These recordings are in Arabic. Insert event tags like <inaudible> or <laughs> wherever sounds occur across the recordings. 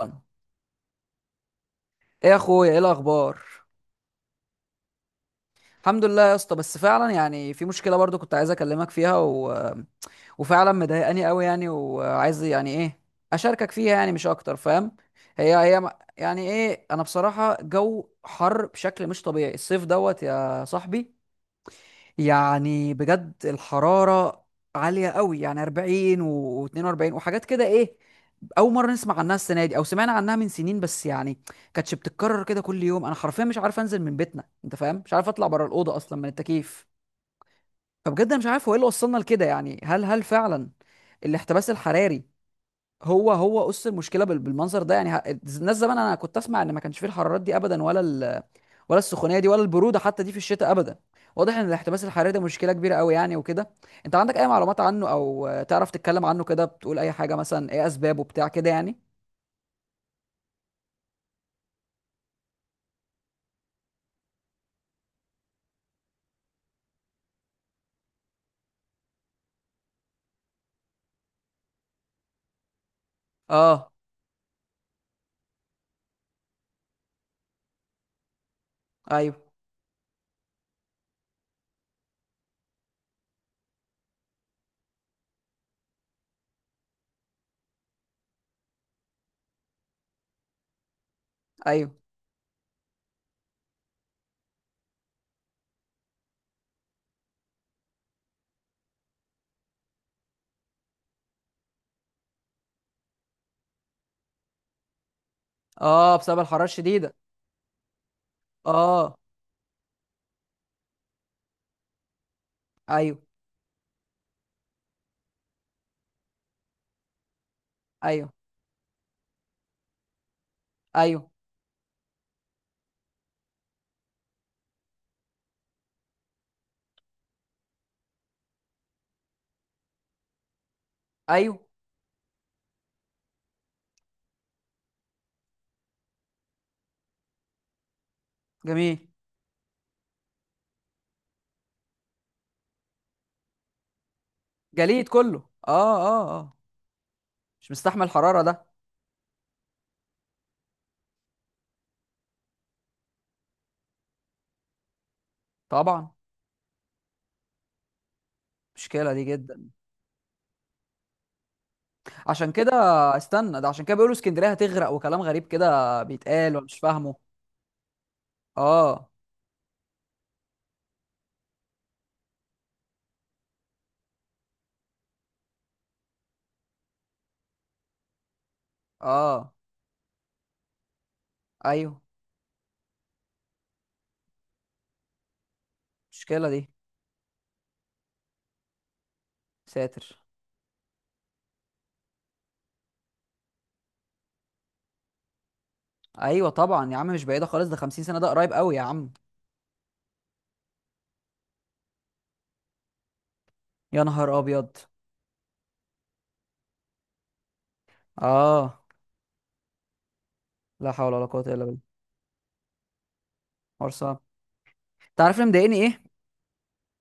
ايه؟ يا اخويا، ايه الاخبار؟ الحمد لله يا اسطى، بس فعلا يعني في مشكله برضو كنت عايز اكلمك فيها وفعلا مضايقاني قوي يعني، وعايز يعني ايه، اشاركك فيها يعني، مش اكتر، فاهم؟ هي هي م- يعني ايه، انا بصراحه جو حر بشكل مش طبيعي الصيف دوت يا صاحبي. يعني بجد الحرارة عالية قوي، يعني 40 و42 وحاجات كده. ايه اول مرة نسمع عنها السنة دي، او سمعنا عنها من سنين بس يعني كانتش بتتكرر كده كل يوم. انا حرفيا مش عارف انزل من بيتنا، انت فاهم؟ مش عارف اطلع بره الأوضة اصلا من التكييف. فبجد انا مش عارف هو ايه اللي وصلنا لكده. يعني هل فعلا الاحتباس الحراري هو قص المشكله بالمنظر ده؟ يعني الناس زمان انا كنت اسمع ان ما كانش فيه الحرارات دي ابدا، ولا السخونيه دي، ولا البروده حتى دي في الشتاء ابدا. واضح ان الاحتباس الحراري ده مشكله كبيره قوي يعني وكده. انت عندك اي معلومات عنه، او تعرف تتكلم عنه كده، بتقول اي حاجه مثلا، ايه اسبابه بتاع كده يعني؟ اه. ايوه. ايوه. اه، بسبب الحراره الشديده. اه. ايوه. ايوه. ايوه. ايوه. جميل. جليد كله. اه، اه، اه. مش مستحمل الحراره ده. طبعا. مشكله دي جدا. عشان كده استنى، ده عشان كده بيقولوا اسكندريه هتغرق، وكلام غريب كده بيتقال وانا مش فاهمه. اه. اه. ايوه، المشكله دي. ساتر. ايوه طبعا يا عم، مش بعيده خالص، ده 50 سنه ده قريب قوي يا عم. يا نهار ابيض. اه. لا حول ولا قوه الا بالله. حوار صعب. انت عارف اللي مضايقني ايه؟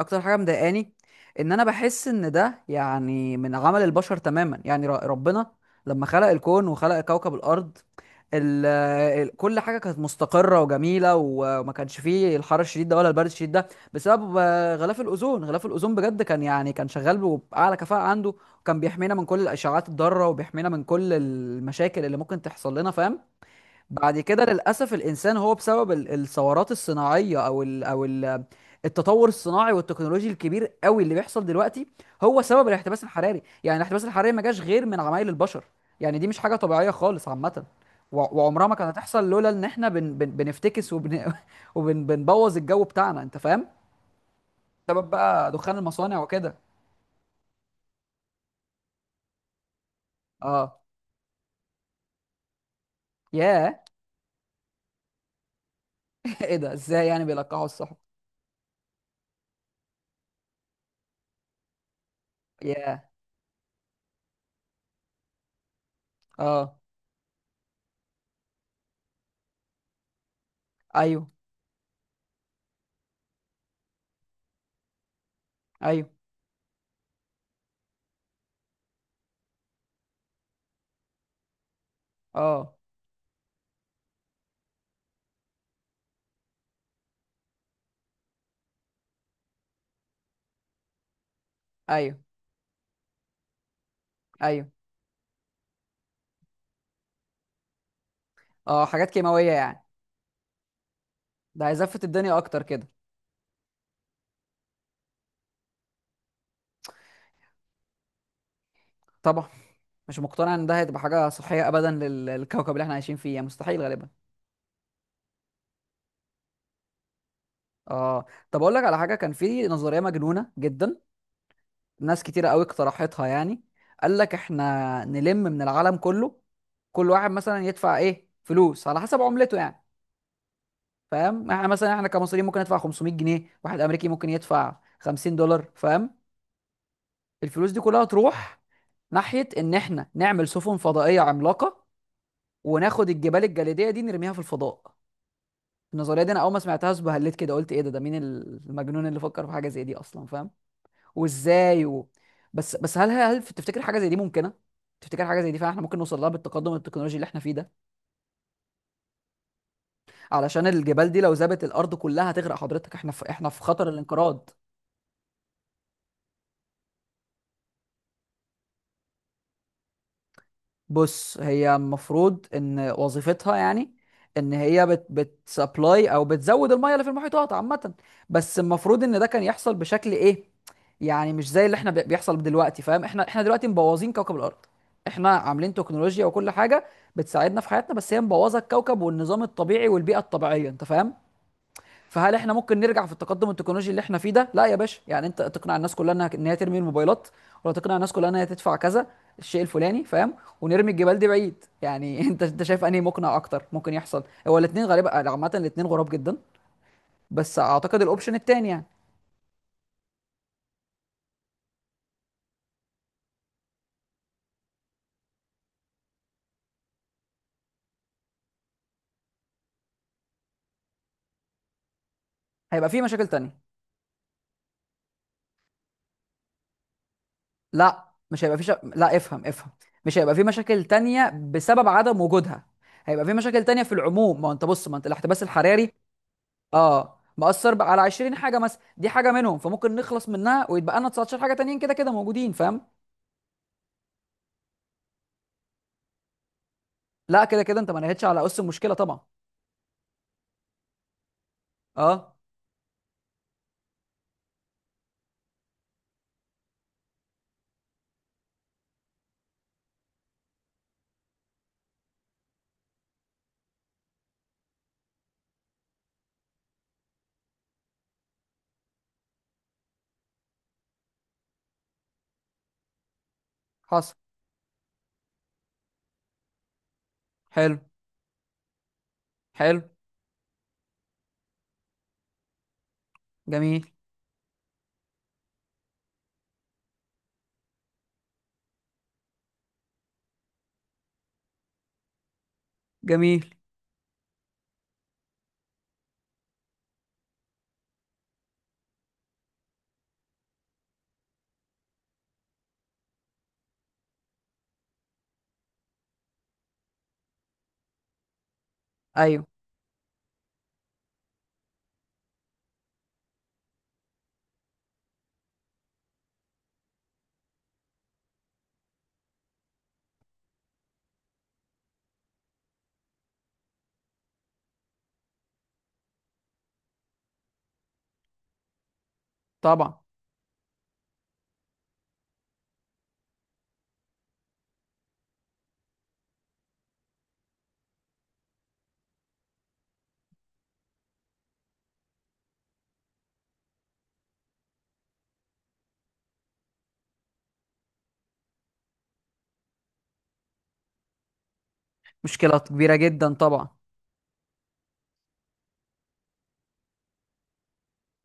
اكتر حاجه مضايقاني ان انا بحس ان ده يعني من عمل البشر تماما. يعني ربنا لما خلق الكون وخلق كوكب الارض، ال ال كل حاجه كانت مستقره وجميله، وما كانش فيه الحر الشديد ده ولا البرد الشديد ده، بسبب غلاف الاوزون. غلاف الاوزون بجد كان يعني كان شغال باعلى كفاءه عنده، وكان بيحمينا من كل الاشعاعات الضاره، وبيحمينا من كل المشاكل اللي ممكن تحصل لنا، فاهم؟ بعد كده للأسف الإنسان هو بسبب الثورات الصناعية، أو التطور الصناعي والتكنولوجي الكبير قوي اللي بيحصل دلوقتي، هو سبب الاحتباس الحراري. يعني الاحتباس الحراري ما جاش غير من عمايل البشر. يعني دي مش حاجة طبيعية خالص عامة. وعمرها ما كانت هتحصل لولا إن إحنا بن بن بنفتكس، وبن <laughs> وبنبوظ الجو بتاعنا، أنت فاهم؟ سبب بقى دخان المصانع وكده. اه. ياه. <laughs> ايه ده، ازاي يعني بيلقحوا الصحب؟ ياه. اه. ايوه. ايوه. اه. ايوه. ايوه. اه، حاجات كيماويه يعني. ده هيزفت الدنيا اكتر كده. طبعا. مش مقتنع ان ده هتبقى حاجه صحيه ابدا للكوكب اللي احنا عايشين فيه، يعني مستحيل غالبا. اه. طب اقول لك على حاجه، كان في نظريه مجنونه جدا. ناس كتيره قوي اقترحتها يعني. قال لك احنا نلم من العالم كله، كل واحد مثلا يدفع ايه فلوس على حسب عملته يعني. فاهم؟ احنا مثلا احنا كمصريين ممكن ندفع 500 جنيه، واحد امريكي ممكن يدفع 50 دولار، فاهم؟ الفلوس دي كلها تروح ناحيه ان احنا نعمل سفن فضائيه عملاقه، وناخد الجبال الجليديه دي نرميها في الفضاء. النظريه دي انا اول ما سمعتهاش بهلت كده، قلت ايه ده، ده مين المجنون اللي فكر في حاجه زي دي اصلا، فاهم؟ وازاي و... بس بس هل تفتكر حاجه زي دي ممكنه؟ تفتكر حاجه زي دي فعلا احنا ممكن نوصل لها بالتقدم التكنولوجي اللي احنا فيه ده؟ علشان الجبال دي لو ذابت الارض كلها هتغرق حضرتك، احنا في خطر الانقراض. بص، هي المفروض ان وظيفتها يعني ان هي بتسبلاي او بتزود الميه اللي في المحيطات عامه. بس المفروض ان ده كان يحصل بشكل ايه، يعني مش زي اللي احنا بيحصل دلوقتي. فاهم؟ احنا دلوقتي مبوظين كوكب الارض. احنا عاملين تكنولوجيا وكل حاجه بتساعدنا في حياتنا، بس هي مبوظه الكوكب والنظام الطبيعي والبيئه الطبيعيه، انت فاهم؟ فهل احنا ممكن نرجع في التقدم التكنولوجي اللي احنا فيه ده؟ لا يا باشا، يعني انت تقنع الناس كلها انها ان هي ترمي الموبايلات، ولا تقنع الناس كلها انها تدفع كذا الشيء الفلاني، فاهم؟ ونرمي الجبال دي بعيد يعني. <laughs> انت شايف انهي مقنع اكتر ممكن يحصل؟ هو الاثنين غالبا يعني، عامة الاثنين غراب جدا. بس اعتقد الاوبشن الثاني يعني. هيبقى فيه مشاكل تانية. لا، مش هيبقى فيه شا... لا افهم، افهم. مش هيبقى فيه مشاكل تانية بسبب عدم وجودها. هيبقى في مشاكل تانية في العموم. ما هو انت بص، ما انت الاحتباس الحراري اه مأثر بقى على 20 حاجه مثلا، دي حاجه منهم، فممكن نخلص منها ويتبقى لنا 19 حاجه تانيين كده كده موجودين، فاهم؟ لا كده كده انت ما نهتش على اس المشكله طبعا. اه. حصل. حلو. حلو. جميل. جميل. ايوه طبعا. مشكله كبيره جدا طبعا.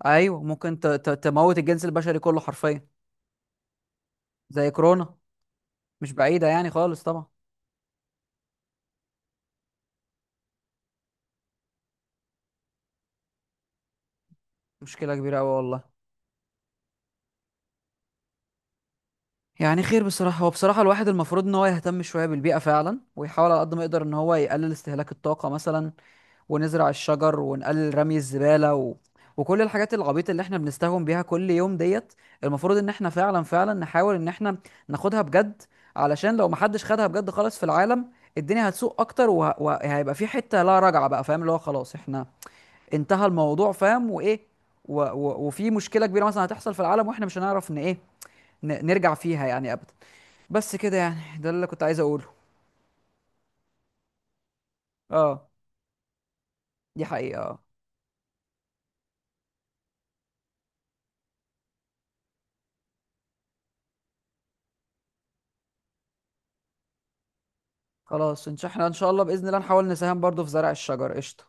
ايوه ممكن تموت الجنس البشري كله حرفيا. زي كورونا. مش بعيده يعني خالص طبعا. مشكله كبيره قوي والله. يعني خير بصراحة. هو بصراحة الواحد المفروض ان هو يهتم شوية بالبيئة فعلا، ويحاول على قد ما يقدر ان هو يقلل استهلاك الطاقة مثلا، ونزرع الشجر، ونقلل رمي الزبالة، وكل الحاجات العبيطة اللي احنا بنستهون بيها كل يوم ديت. المفروض ان احنا فعلا نحاول ان احنا ناخدها بجد. علشان لو محدش خدها بجد خالص في العالم، الدنيا هتسوق اكتر، وهيبقى في حتة لا رجعة بقى، فاهم؟ اللي هو خلاص احنا انتهى الموضوع، فاهم؟ وايه وفي مشكلة كبيرة مثلا هتحصل في العالم، واحنا مش هنعرف ان ايه نرجع فيها يعني ابدا. بس كده يعني، ده اللي كنت عايز اقوله. اه، دي حقيقة اه. خلاص، احنا ان شاء الله باذن الله نحاول نساهم برضو في زرع الشجر، قشطه.